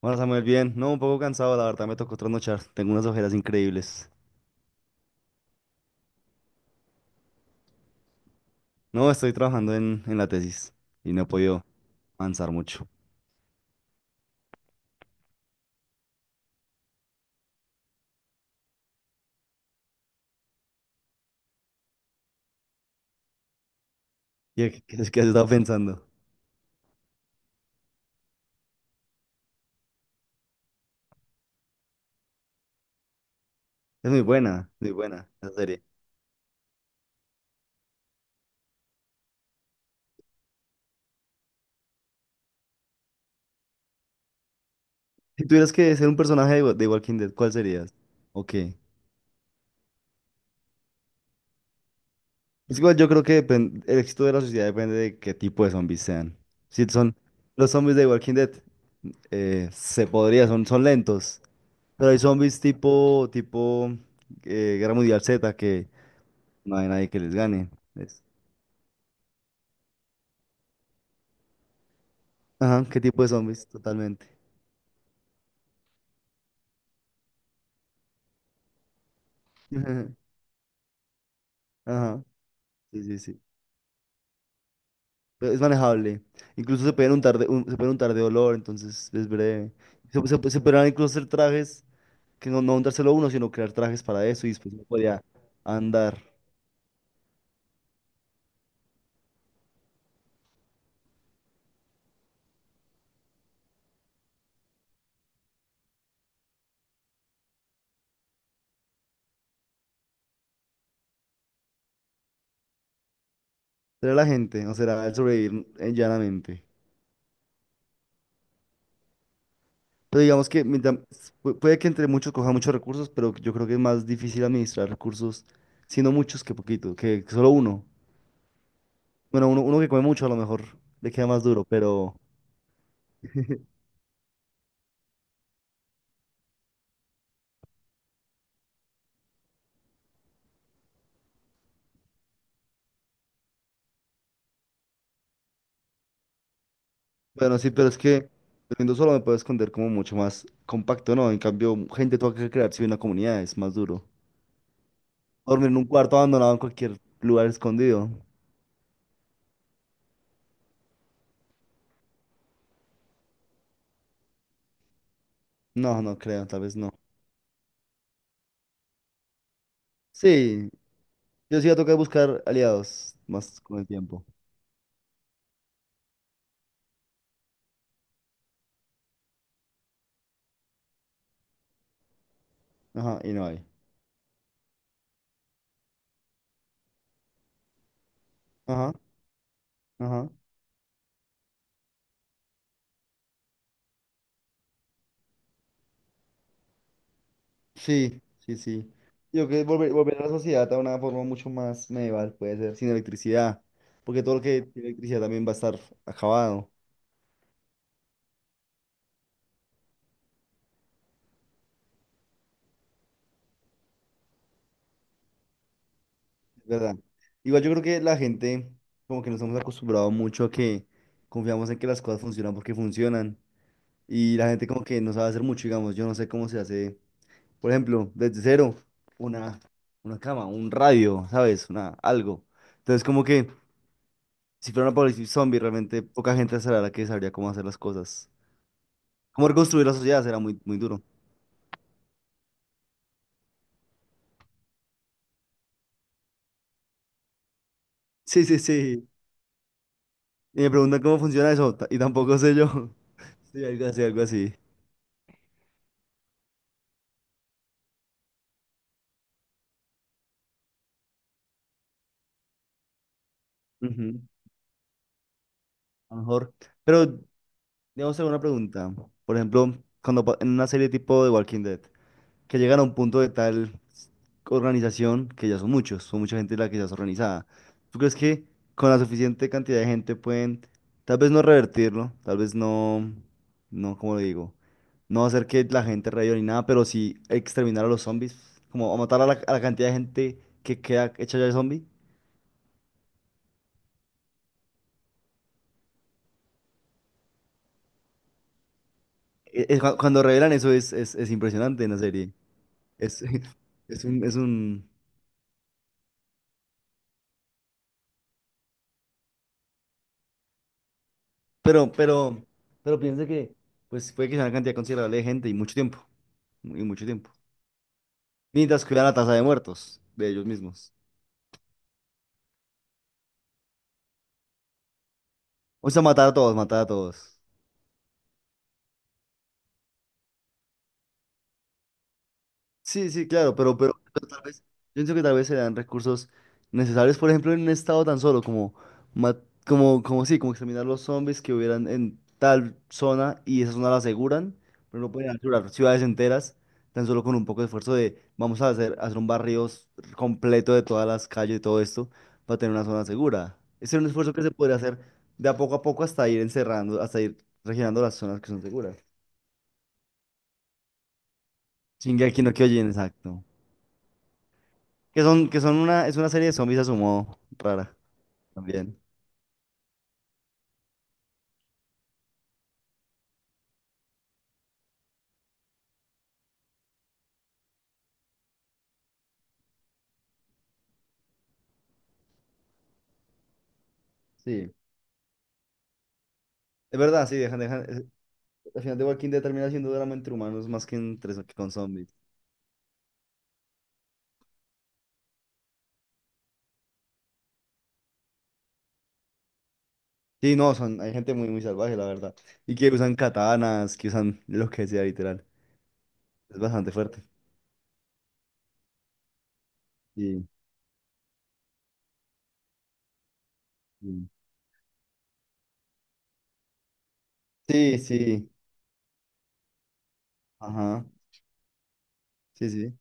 Hola Samuel, bien. No, un poco cansado, la verdad me tocó trasnochar. Tengo unas ojeras increíbles. No, estoy trabajando en la tesis y no he podido avanzar mucho. ¿Y qué has estado pensando? Es muy buena la serie. Si tuvieras que ser un personaje de Walking Dead, ¿cuál serías? Ok. Es igual, yo creo que el éxito de la sociedad depende de qué tipo de zombies sean. Si son los zombies de Walking Dead, se podría, son lentos. Pero hay zombies tipo Guerra Mundial Z que no hay nadie que les gane. Es- Ajá, ¿qué tipo de zombies? Totalmente. Ajá, sí, sí, sí. Pero es manejable. Incluso se pueden untar de, un- se pueden untar de olor, entonces es breve. Se podrían incluso hacer trajes, que no untárselo uno, sino crear trajes para eso y después uno podía andar. ¿Será la gente o será el sobrevivir llanamente? Pero digamos que puede que entre muchos coja muchos recursos, pero yo creo que es más difícil administrar recursos siendo muchos que poquito, que solo uno. Bueno, uno que come mucho a lo mejor le queda más duro, pero bueno, sí, pero es que durmiendo solo me puedo esconder como mucho más compacto, ¿no? En cambio, gente toca que crearse una comunidad, es más duro. Dormir en un cuarto abandonado en cualquier lugar escondido. No, no creo, tal vez no. Sí, yo sí voy a tocar buscar aliados más con el tiempo. Ajá, y no hay. Ajá, ajá. Sí, sí, sí. Yo creo que volver a la sociedad a una forma mucho más medieval, puede ser, sin electricidad, porque todo lo que tiene electricidad también va a estar acabado. ¿Verdad? Igual yo creo que la gente, como que nos hemos acostumbrado mucho a que confiamos en que las cosas funcionan porque funcionan. Y la gente como que no sabe hacer mucho, digamos, yo no sé cómo se hace, por ejemplo, desde cero, una, una cama, un radio, ¿sabes? Una, algo. Entonces como que si fuera una apocalipsis zombie, realmente poca gente sabrá la que sabría cómo hacer las cosas. Cómo reconstruir la sociedad será muy, muy duro. Sí, sí, sí. Y me preguntan cómo funciona eso, y tampoco sé yo. Sí, algo así, algo así. Ujú. A lo mejor. Pero debo hacer una pregunta. Por ejemplo, cuando en una serie tipo de Walking Dead, que llegan a un punto de tal organización que ya son muchos, son mucha gente la que ya es organizada. ¿Tú crees que con la suficiente cantidad de gente pueden, tal vez no revertirlo, tal vez no, no, como lo digo, no hacer que la gente reviva ni nada, pero sí exterminar a los zombies, como a matar a la cantidad de gente que queda hecha ya de zombie? Cuando revelan eso es, es impresionante en la serie. Es, es un Pero, pero, pero piensa que pues puede que sea una cantidad considerable de gente y mucho tiempo. Y mucho tiempo. Mientras cuidan la tasa de muertos de ellos mismos. O sea, matar a todos, matar a todos. Sí, sí, claro, pero tal vez, yo pienso que tal vez se dan recursos necesarios, por ejemplo, en un estado tan solo como, ma- como, como sí, como exterminar los zombies que hubieran en tal zona y esa zona la aseguran, pero no pueden asegurar ciudades enteras, tan solo con un poco de esfuerzo de vamos a hacer, hacer un barrio completo de todas las calles y todo esto para tener una zona segura. Ese es un esfuerzo que se podría hacer de a poco hasta ir encerrando, hasta ir regenerando las zonas que son seguras. Shingeki no Kyojin, exacto. Es una serie de zombies a su modo, rara también. Sí, es verdad, sí, dejan, al final de Walking Dead termina siendo drama entre humanos más que, entre, so, que con zombies. Sí, no, son, hay gente muy, muy salvaje, la verdad. Y que usan katanas, que usan lo que sea, literal. Es bastante fuerte. Sí, sí. Sí, sí, ajá, sí, sí.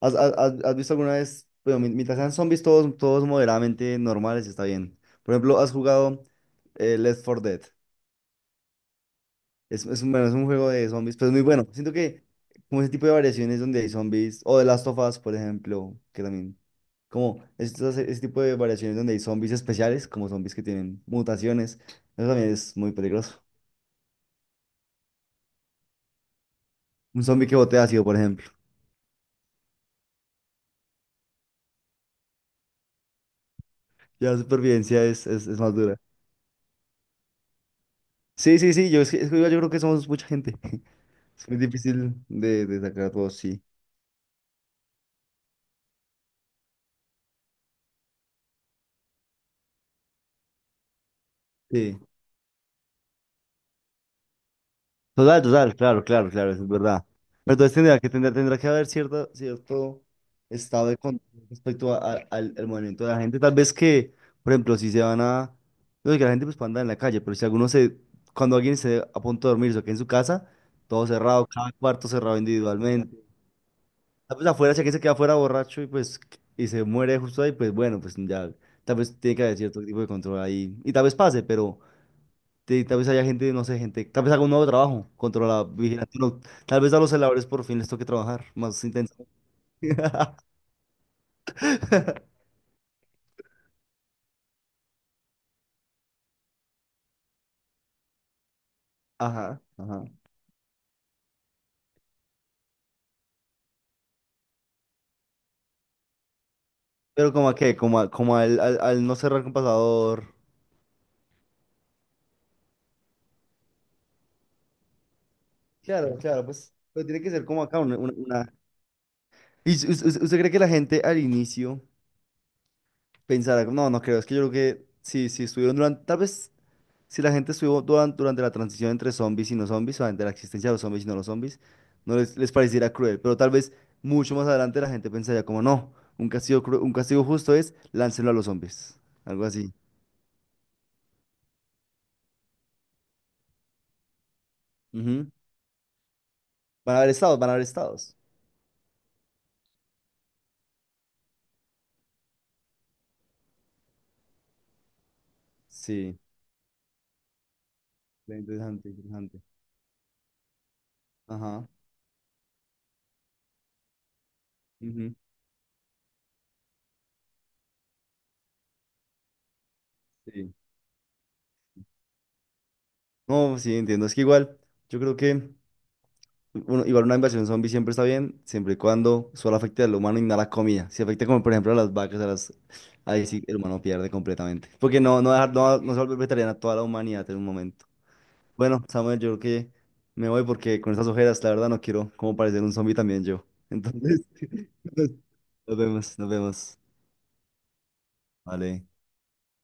¿Has visto alguna vez? Bueno, mientras sean zombies todos, todos moderadamente normales, está bien. Por ejemplo, ¿has jugado Left 4 Dead? Bueno, es un juego de zombies, pero es muy bueno. Siento que como ese tipo de variaciones donde hay zombies, o The Last of Us, por ejemplo, que también, como ese tipo de variaciones donde hay zombies especiales, como zombies que tienen mutaciones, eso también es muy peligroso. Un zombie que bote ácido, por ejemplo. Ya la supervivencia es, es más dura. Sí, sí, sí, es que yo creo que somos mucha gente. Es muy difícil de sacar a todos, sí. Sí. Total, total, claro, claro, claro, eso es verdad. Pero entonces tendrá que haber cierto estado de control respecto al movimiento de la gente. Tal vez que, por ejemplo, si se van a. No sé, que la gente pues puede andar en la calle, pero si alguno se. Cuando alguien se a punto de dormirse o que en su casa, todo cerrado, cada cuarto cerrado individualmente. Tal vez afuera, si alguien se queda afuera borracho y pues y se muere justo ahí, pues bueno, pues ya. Tal vez tiene que haber cierto tipo de control ahí. Y tal vez pase, pero tal vez haya gente, no sé, gente, tal vez haga un nuevo trabajo contra la vigilancia. No, tal vez a los celadores por fin les toque trabajar más intensamente. Ajá, ajá. Pero como a qué, como al no cerrar con pasador. Claro, claro, pues, pero tiene que ser como acá. ¿Y usted, cree que la gente al inicio pensará, no, no creo, es que yo creo que si estuvieron durante, tal vez si la gente estuvo durante la transición entre zombies y no zombies, o entre la existencia de los zombies y no los zombies, no les pareciera cruel, pero tal vez mucho más adelante la gente pensaría como, no, un castigo justo es láncelo a los zombies, algo así. Ujú. Van a haber estados, van a haber estados. Sí, ve, interesante, interesante. Ajá. Ujú. Sí. No, sí, entiendo, es que igual, yo creo que. Bueno, igual una invasión zombie siempre está bien, siempre y cuando solo afecte al humano y no a la comida. Si afecta como por ejemplo a las vacas, a las. Ahí sí el humano pierde completamente. Porque no, no, dejar, no, no se vuelve vegetariana toda la humanidad en un momento. Bueno, Samuel, yo creo que me voy porque con estas ojeras, la verdad, no quiero como parecer un zombie también yo. Entonces, nos vemos, nos vemos. Vale.